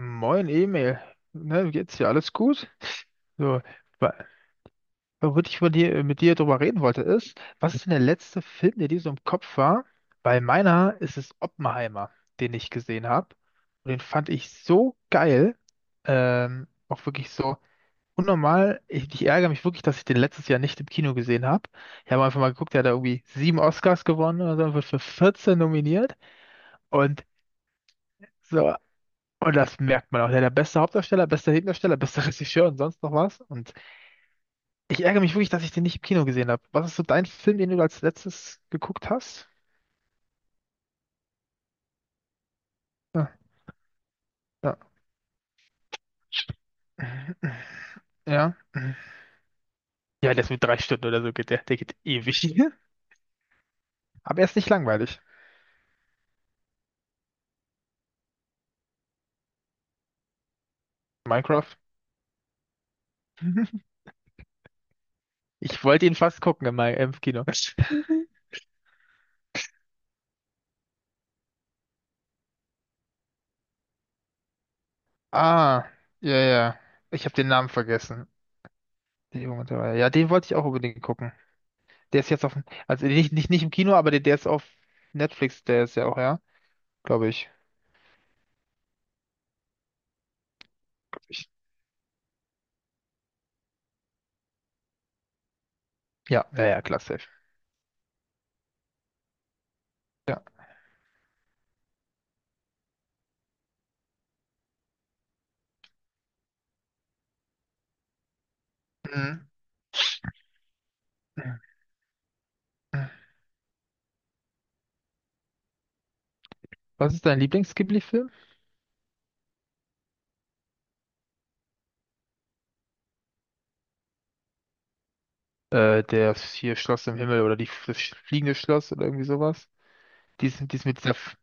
Moin Emil, na, wie geht's dir? Alles gut? So, wa- worüber ich von dir, mit dir drüber reden wollte, ist, was ist denn der letzte Film, der dir so im Kopf war? Bei meiner ist es Oppenheimer, den ich gesehen habe. Und den fand ich so geil. Auch wirklich so unnormal. Ich ärgere mich wirklich, dass ich den letztes Jahr nicht im Kino gesehen habe. Ich habe einfach mal geguckt, der hat da irgendwie sieben Oscars gewonnen oder so, und wird für 14 nominiert. Und so, und das merkt man auch. Der beste Hauptdarsteller, bester Nebendarsteller, bester Regisseur und sonst noch was. Und ich ärgere mich wirklich, dass ich den nicht im Kino gesehen habe. Was ist so dein Film, den du als letztes geguckt hast? Ja. Ja. Ja, ja, der ist mit drei Stunden oder so, geht der, der geht ewig. Aber er ist nicht langweilig. Minecraft. Ich wollte ihn fast gucken im, im Kino. Ah, ja, ja. Ich habe den Namen vergessen. Die Jugend- dabei. Ja, den wollte ich auch unbedingt gucken. Der ist jetzt auf, also nicht im Kino, aber der ist auf Netflix, der ist ja auch, ja, glaube ich. Glaub ich. Ja, ja, ja, klar, safe. Mhm. Was ist dein Lieblings-Ghibli-Film? Der ist hier Schloss im Himmel oder die, das fliegende Schloss oder irgendwie sowas. Dies mit dieser,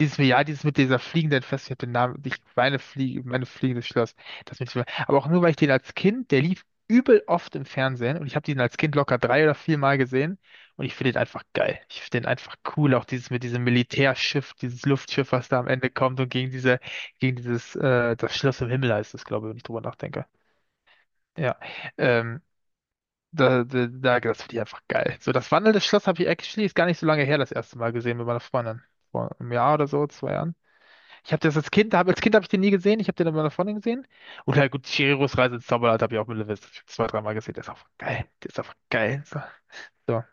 dieses, ja, dieses mit dieser fliegenden Fest, ich hab den Namen, ich meine Fliege, meine fliegendes Schloss, das mit, aber auch nur, weil ich den als Kind, der lief übel oft im Fernsehen und ich habe den als Kind locker drei oder vier Mal gesehen und ich finde den einfach geil. Ich finde den einfach cool, auch dieses mit diesem Militärschiff, dieses Luftschiff, was da am Ende kommt und gegen diese, gegen dieses, das Schloss im Himmel heißt es, glaube ich, wenn ich drüber nachdenke. Ja, ähm, das finde ich einfach geil. So, das wandelnde Schloss habe ich actually, ist gar nicht so lange her, das erste Mal gesehen mit meiner Freundin. Vor einem Jahr oder so, zwei Jahren. Ich habe das als Kind, als Kind habe ich den nie gesehen. Ich habe den aber bei einer Freundin gesehen. Und oder gut, Chihiros Reise ins Zauberland habe ich auch mit Lewis zwei, dreimal gesehen. Der ist einfach geil. Der ist einfach geil. So, so.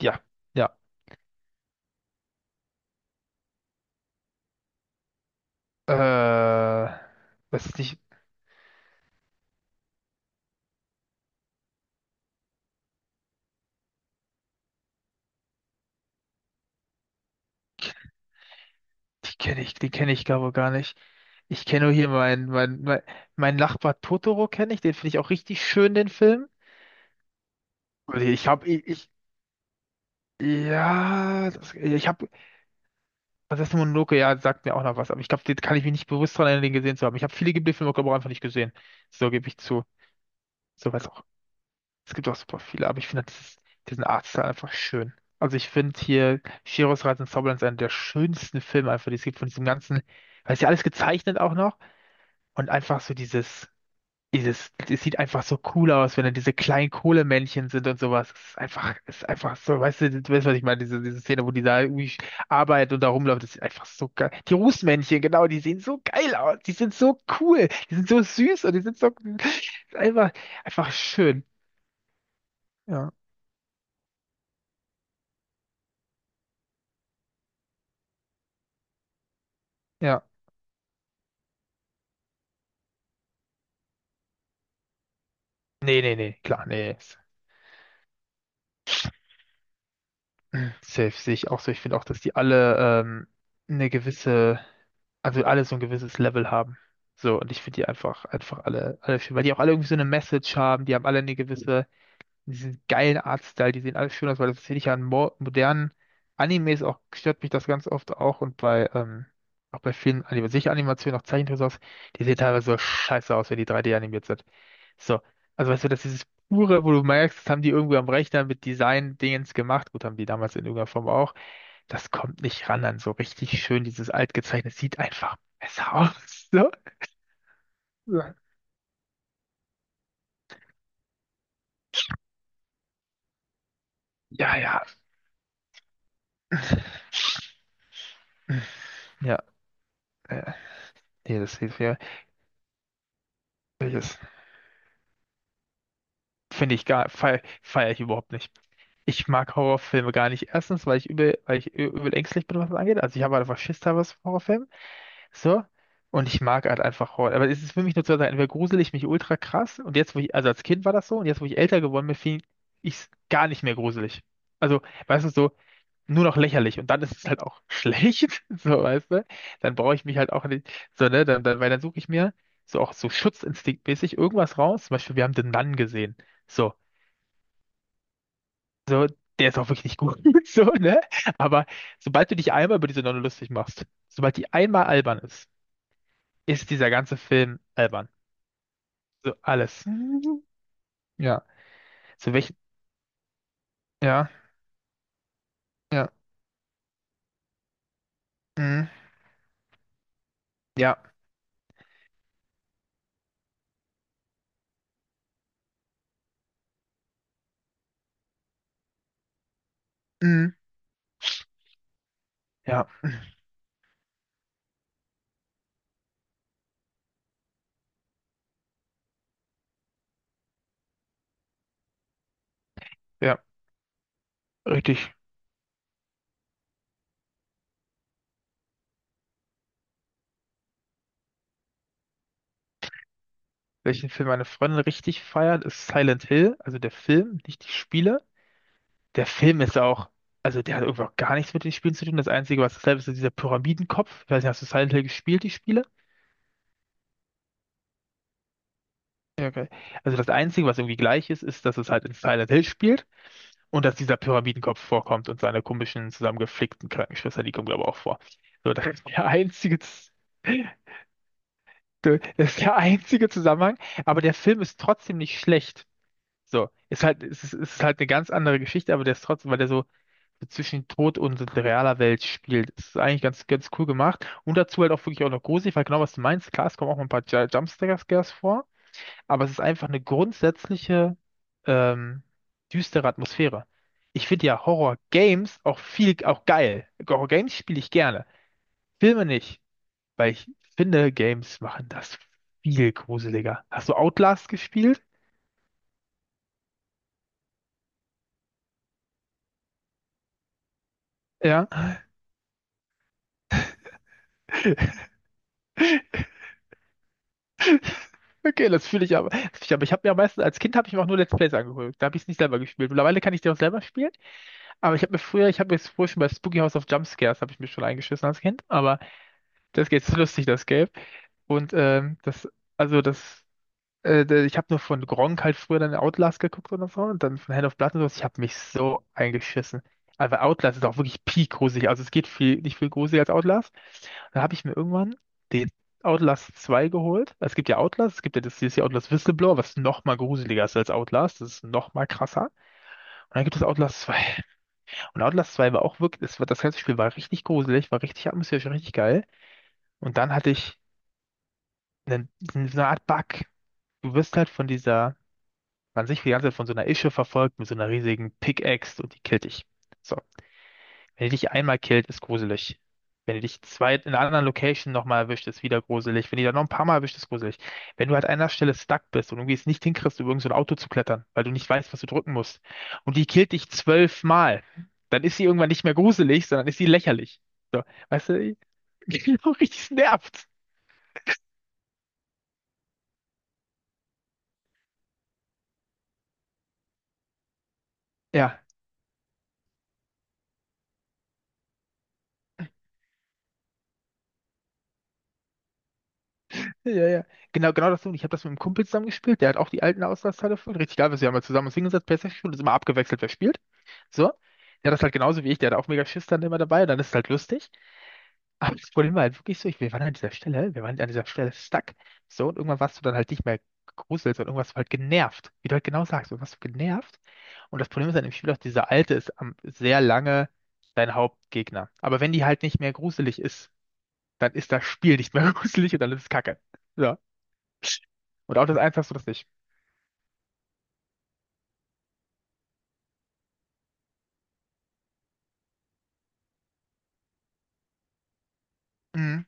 Ja, ja. Äh, Weiß ich nicht. Die kenne ich gar wohl gar nicht. Ich kenne nur hier meinen, mein, mein Nachbar Totoro kenne ich. Den finde ich auch richtig schön, den Film. Und ich habe, ja, das, ich habe, Prinzessin Mononoke, ja, sagt mir auch noch was. Aber ich glaube, den kann ich mich nicht bewusst daran erinnern, den gesehen zu haben. Ich habe viele Ghibli-Filme, glaube ich, auch einfach nicht gesehen. So gebe ich zu. Soweit auch. Es gibt auch super viele, aber ich finde dieses, diesen Artstyle einfach schön. Also ich finde hier Chihiros Reise ins Zauberland ist einer der schönsten Filme einfach, die es gibt von diesem ganzen, weil es ja alles gezeichnet auch noch und einfach so dieses, dieses, es sieht einfach so cool aus, wenn dann diese kleinen Kohlemännchen sind und sowas. Es ist einfach so, weißt du, du weißt, was ich meine, diese Szene, wo die da irgendwie arbeitet und da rumläuft, das sieht einfach so geil. Die Rußmännchen, genau, die sehen so geil aus, die sind so cool, die sind so süß und die sind so, einfach, einfach schön. Ja. Ja, nee, nee, nee, klar, nee. s- Safe sehe ich auch so. Ich finde auch, dass die alle ähm, eine gewisse, also alle so ein gewisses Level haben. So, und ich finde die einfach, einfach alle, alle schön, weil die auch alle irgendwie so eine Message haben, die haben alle eine gewisse, diesen geilen Artstyle, die sehen alle schön aus, weil das finde ich ja an mo modernen Animes auch, stört mich das ganz oft auch und bei, auch bei vielen, Anim- sicher Animationen, auch Zeichentrickserien, aus, die sehen teilweise so scheiße aus, wenn die 3D animiert sind. So, also weißt du, das ist dieses pure, wo du merkst, das haben die irgendwo am Rechner mit Design-Dingens gemacht. Gut, haben die damals in irgendeiner Form auch. Das kommt nicht ran an so richtig schön, dieses altgezeichnete. Sieht einfach besser aus. So. Ja, ja. Ja, ja. äh, Nee, das hilft mir. Das finde ich gar, feier ich überhaupt nicht. Ich mag Horrorfilme gar nicht. Erstens, weil ich übel, weil ich übel ängstlich bin, was das angeht. Also ich habe halt einfach Schiss teilweise vor. So. Und ich mag halt einfach Horror. Aber es ist für mich nur zwei Sachen. Entweder grusel ich mich ultra krass und jetzt, wo ich, also als Kind war das so, und jetzt, wo ich älter geworden bin, finde ich es gar nicht mehr gruselig. Also, weißt du, so nur noch lächerlich. Und dann ist es halt auch schlecht, so, weißt du. Dann brauche ich mich halt auch nicht, so, ne, dann, weil dann suche ich mir so auch so schutzinstinktmäßig irgendwas raus. Zum Beispiel, wir haben den Mann gesehen. So, so, der ist auch wirklich nicht gut, so, ne. Aber sobald du dich einmal über diese Nonne lustig machst, sobald die einmal albern ist, ist dieser ganze Film albern. So alles. Mhm. Ja. Zu welchen. Ja, ja. Mm, ja. Mm, ja. Ja. Richtig. Welchen Film meine Freundin richtig feiert, ist Silent Hill, also der Film, nicht die Spiele. Der Film ist auch, also der hat irgendwie auch gar nichts mit den Spielen zu tun. Das Einzige, was dasselbe ist, ist dieser Pyramidenkopf. Ich weiß nicht, hast du Silent Hill gespielt, die Spiele? Ja, okay. Also das Einzige, was irgendwie gleich ist, ist, dass es halt in Silent Hill spielt. Und dass dieser Pyramidenkopf vorkommt und seine komischen, zusammengeflickten Krankenschwester, die kommen, glaube ich, auch vor. So, das ist der einzige, das ist der einzige Zusammenhang. Aber der Film ist trotzdem nicht schlecht. So, ist halt, es ist halt eine ganz andere Geschichte, aber der ist trotzdem, weil der so so zwischen Tod und so realer Welt spielt. Das ist eigentlich ganz, ganz cool gemacht. Und dazu halt auch wirklich auch noch gruselig, weil genau was du meinst, klar, es kommen auch mal ein paar Jumpscares vor, aber es ist einfach eine grundsätzliche ähm, düstere Atmosphäre. Ich finde ja Horror-Games auch viel, auch geil. Horror-Games spiele ich gerne. Filme nicht, weil ich finde, Games machen das viel gruseliger. Hast du Outlast gespielt? Ja. Okay, das fühle ich aber. Das fühl ich, aber ich habe mir meistens, als Kind habe ich mir auch nur Let's Plays angeguckt. Da habe ich es nicht selber gespielt. Mittlerweile kann ich die auch selber spielen. Aber ich habe mir früher, ich habe mir früher schon bei Spooky House of Jumpscares, habe ich mir schon eingeschissen als Kind. Aber das geht lustig, das Game. Und also das, ich habe nur von Gronkh halt früher dann Outlast geguckt oder so und dann von Hand of Blood und sowas. Ich habe mich so eingeschissen. Aber Outlast ist auch wirklich peak gruselig. Also es geht viel, nicht viel gruseliger als Outlast. Dann habe ich mir irgendwann den Outlast 2 geholt. Es gibt ja Outlast, es gibt ja das DLC Outlast Whistleblower, was noch mal gruseliger ist als Outlast. Das ist noch mal krasser. Und dann gibt es Outlast 2. Und Outlast 2 war auch wirklich, das, war- das ganze Spiel war richtig gruselig, war richtig atmosphärisch, richtig geil. Und dann hatte ich eine, so eine Art Bug. Du wirst halt von dieser, man sich die ganze Zeit von so einer Ische verfolgt mit so einer riesigen Pickaxe und die killt dich. So. Wenn die dich einmal killt, ist gruselig. Wenn die dich zwei in einer anderen Location nochmal erwischt, ist wieder gruselig. Wenn die dann noch ein paar Mal erwischt, ist gruselig. Wenn du halt an einer Stelle stuck bist und irgendwie es nicht hinkriegst, über irgend so ein Auto zu klettern, weil du nicht weißt, was du drücken musst, und die killt dich zwölfmal, dann ist sie irgendwann nicht mehr gruselig, sondern ist sie lächerlich. So, weißt du, genau richtig nervt. Ja. Ja, ja. Ja. Genau, genau das so. Und ich habe das mit einem Kumpel zusammen gespielt. Der hat auch die alten Auslastteile voll. Richtig geil, wir haben mal zusammen uns hingesetzt, PlayStation gespielt und sind immer abgewechselt, wer spielt. So. Der hat das halt genauso wie ich. Der hat auch mega Schiss dann immer dabei. Und dann ist es halt lustig. Aber das Problem war halt wirklich so, ich, wir waren an dieser Stelle, wir waren an dieser Stelle stuck. So. Und irgendwann warst du dann halt nicht mehr gegruselt, sondern irgendwas war halt genervt. Wie du halt genau sagst, du warst genervt. Und das Problem ist dann im Spiel auch, dieser Alte ist am, sehr lange dein Hauptgegner. Aber wenn die halt nicht mehr gruselig ist, dann ist das Spiel nicht mehr gruselig und dann ist es Kacke. So. Und Auto das eins hast du das nicht. Mhm.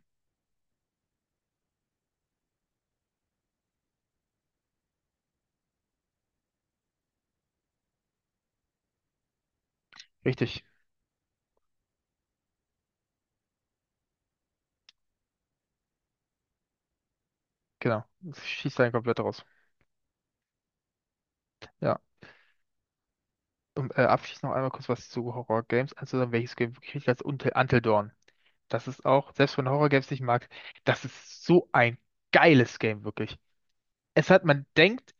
Richtig, genau. Das schießt dann komplett raus. Ja. Und abschließend noch einmal kurz was zu Horror-Games. Also welches Game wirklich richtig als Until Dawn. Das ist auch, selbst wenn Horror-Games nicht mag, das ist so ein geiles Game, wirklich. Es hat, man denkt,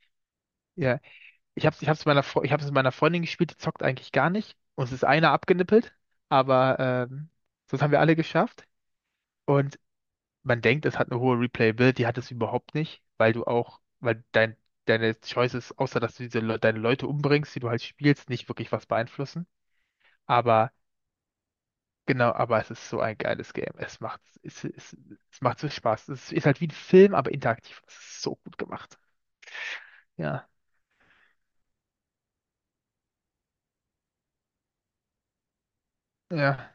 ja, ich hab's, ich hab's mit meiner Freundin gespielt, die zockt eigentlich gar nicht. Uns ist einer abgenippelt, aber das haben wir alle geschafft. Und man denkt, es hat eine hohe Replayability, hat es überhaupt nicht, weil du auch, weil dein, deine Choices, außer dass du diese, deine Leute umbringst, die du halt spielst, nicht wirklich was beeinflussen. Aber genau, aber es ist so ein geiles Game. Es macht, es macht so Spaß. Es ist halt wie ein Film, aber interaktiv. Es ist so gut gemacht. Ja, ja,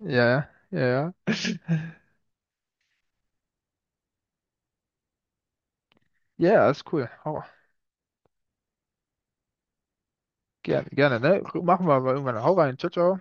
ja, ja, ja, ja, ist cool. Hau, gerne, gerne, ne? Machen wir mal irgendwann. Hau rein. Ciao, ciao.